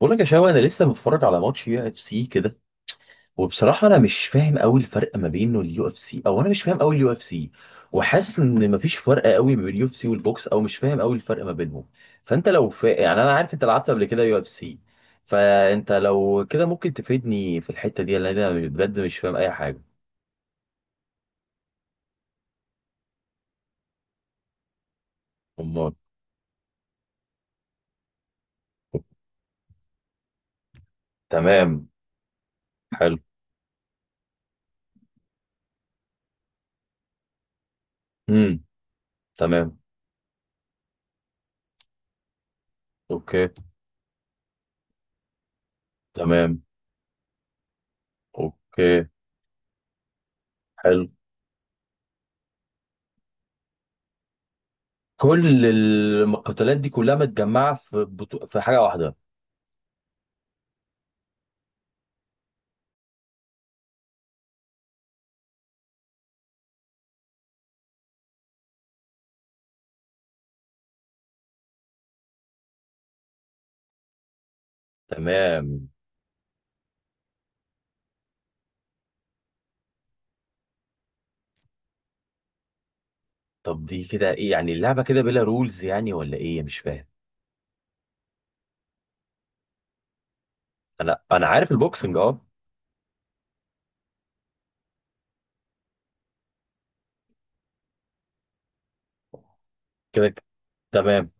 بقول لك يا شباب، انا لسه متفرج على ماتش يو اف سي كده. وبصراحه انا مش فاهم قوي الفرق ما بينه اليو اف سي، او انا مش فاهم قوي اليو اف سي. وحاسس ان مفيش فرق قوي ما بين اليو اف سي والبوكس، او مش فاهم قوي الفرق ما بينهم. فانت لو يعني انا عارف انت لعبت قبل كده يو اف سي. فانت لو كده ممكن تفيدني في الحته دي، لان انا بجد مش فاهم اي حاجه. امال؟ تمام. حلو. امم. تمام. اوكي. تمام. اوكي. حلو. كل المقاتلات دي كلها متجمعه في في حاجه واحده؟ تمام. طب دي كده ايه يعني؟ اللعبه كده بلا رولز يعني ولا ايه؟ مش فاهم. انا عارف البوكسنج، اه. كده تمام.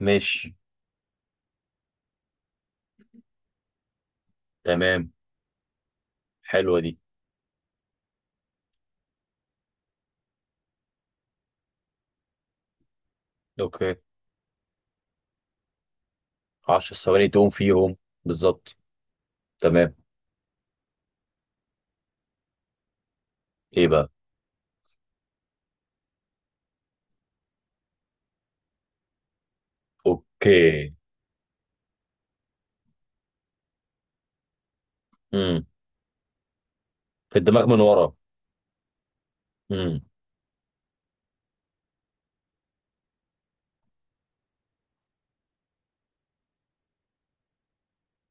ماشي. تمام. حلوه دي. اوكي. 10 ثواني تقوم فيهم؟ بالظبط. تمام. ايه بقى؟ اوكي. امم في الدماغ من ورا. امم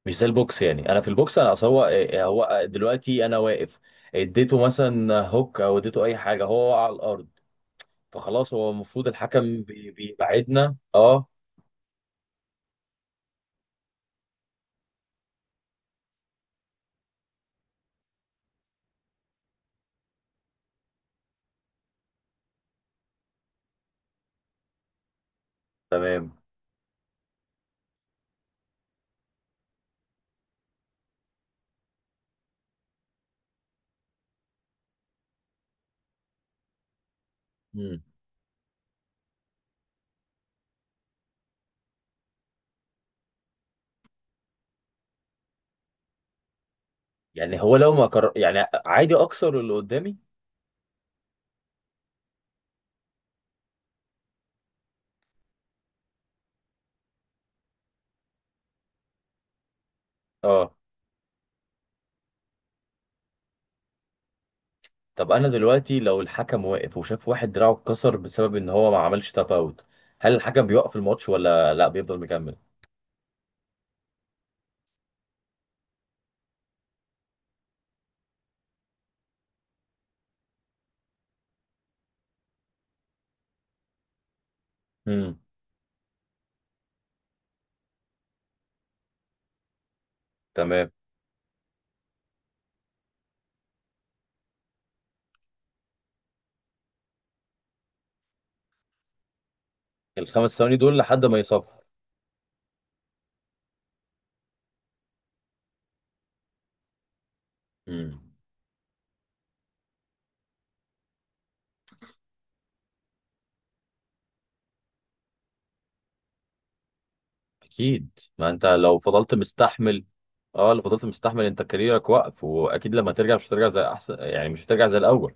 مش زي البوكس يعني، انا في البوكس انا اصل هو هو دلوقتي انا واقف. اديته مثلا هوك او اديته اي حاجه، هو وقع على الارض. فخلاص هو المفروض الحكم بيبعدنا، اه. تمام. إمم. يعني هو لو ما يعني عادي اكسر اللي قدامي. اه. طب انا دلوقتي لو الحكم واقف وشاف واحد دراعه اتكسر بسبب ان هو ما عملش تاب اوت، هل الحكم بيوقف الماتش ولا لا بيفضل مكمل؟ امم. تمام. الخمس ثواني دول لحد ما يصفر. امم. اكيد، ما انت لو فضلت مستحمل. اه، لو فضلت مستحمل انت كاريرك واقف، واكيد لما ترجع مش هترجع زي احسن، يعني مش هترجع زي الاول.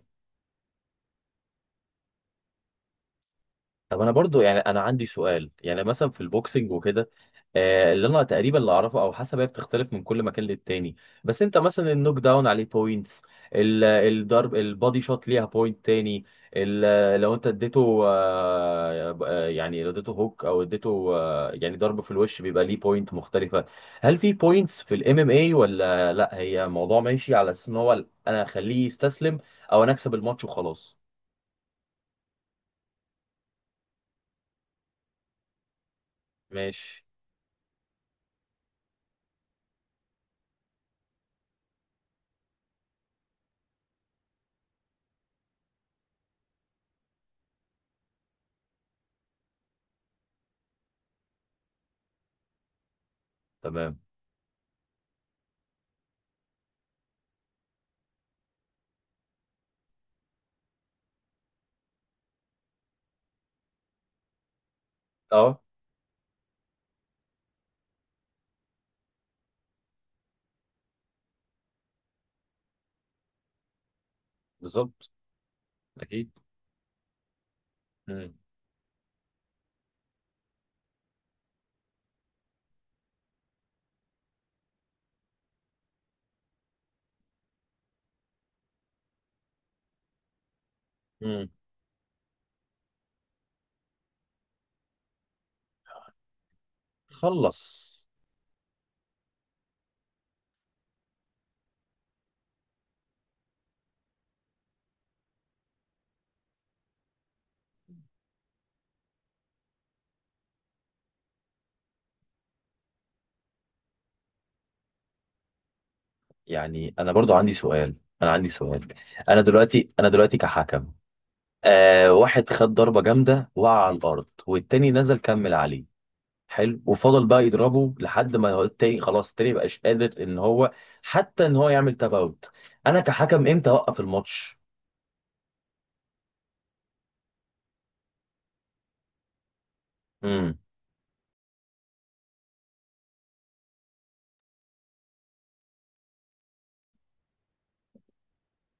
طب انا برضو يعني انا عندي سؤال، يعني مثلا في البوكسنج وكده، اللي انا تقريبا اللي اعرفه او حسب، هي بتختلف من كل مكان للتاني. بس انت مثلا النوك داون عليه بوينتس. الضرب البادي شوت ليها بوينت تاني. لو انت اديته يعني لو اديته هوك او اديته يعني ضرب في الوش، بيبقى ليه بوينت مختلفة. هل في بوينتس في الام ام اي ولا لا، هي موضوع ماشي على اساس ان هو انا اخليه يستسلم، او انا اكسب الماتش وخلاص؟ ماشي. تمام. اه. بالظبط. اكيد. مم. مم. خلص. يعني انا برضو عندي سؤال. انا عندي سؤال. انا دلوقتي كحكم، واحد خد ضربة جامدة وقع على الارض، والتاني نزل كمل عليه. حلو. وفضل بقى يضربه لحد ما هو التاني، خلاص التاني مبقاش قادر ان هو حتى ان هو يعمل تفاوت. انا كحكم امتى اوقف الماتش؟ امم.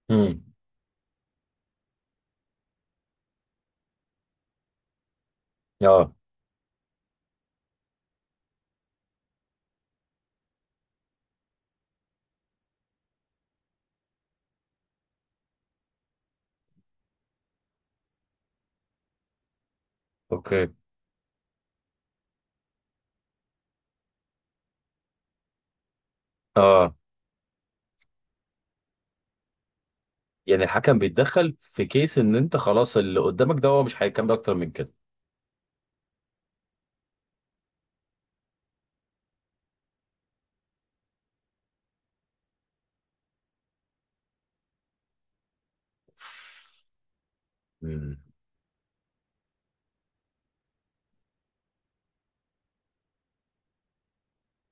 امم. اه. اوكي. اه، يعني الحكم بيتدخل في كيس ان انت خلاص اللي قدامك ده هو مش هيكمل اكتر من كده. مم.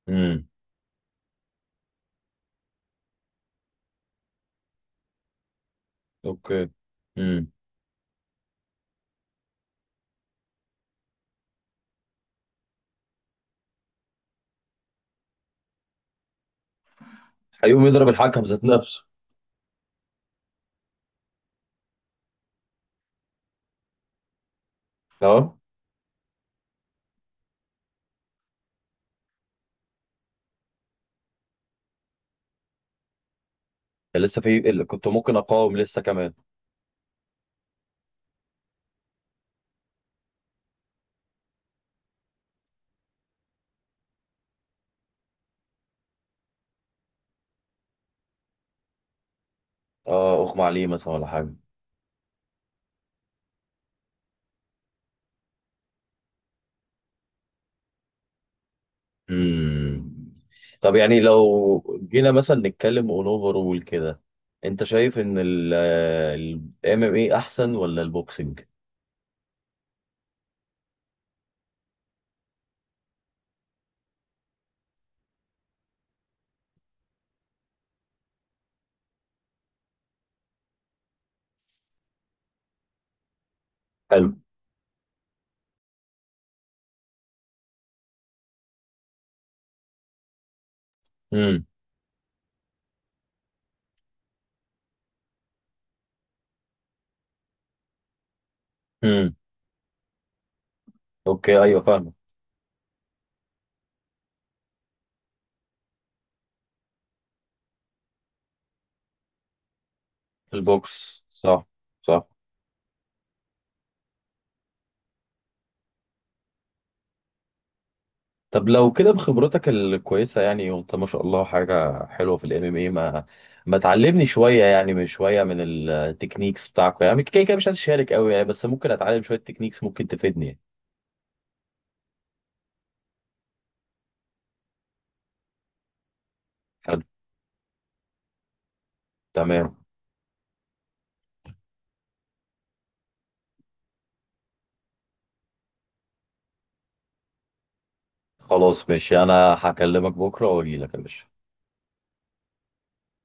امم. اوكي. امم هيقوم يضرب الحكم ذات نفسه. اه. كان لسه في اللي كنت ممكن اقاوم لسه كمان. اه، اغمى عليه مثلا ولا حاجه؟ امم طب يعني لو جينا مثلا نتكلم اون اوفر رول كده، انت شايف ان ال ام ام اي احسن ولا البوكسنج؟ حلو. امم. امم. اوكي. ايوه، فاهمه. البوكس، صح. صح. طب لو كده بخبرتك الكويسة يعني، وانت ما شاء الله حاجة حلوة في الام ام اي، ما تعلمني شوية يعني، من شوية من التكنيكس بتاعكم يعني. كده كده مش هتشارك قوي يعني، بس ممكن اتعلم شوية تكنيكس ممكن تفيدني يعني. حلو. تمام. خلاص، ماشي، انا هكلمك بكرة واجي لك يا باشا.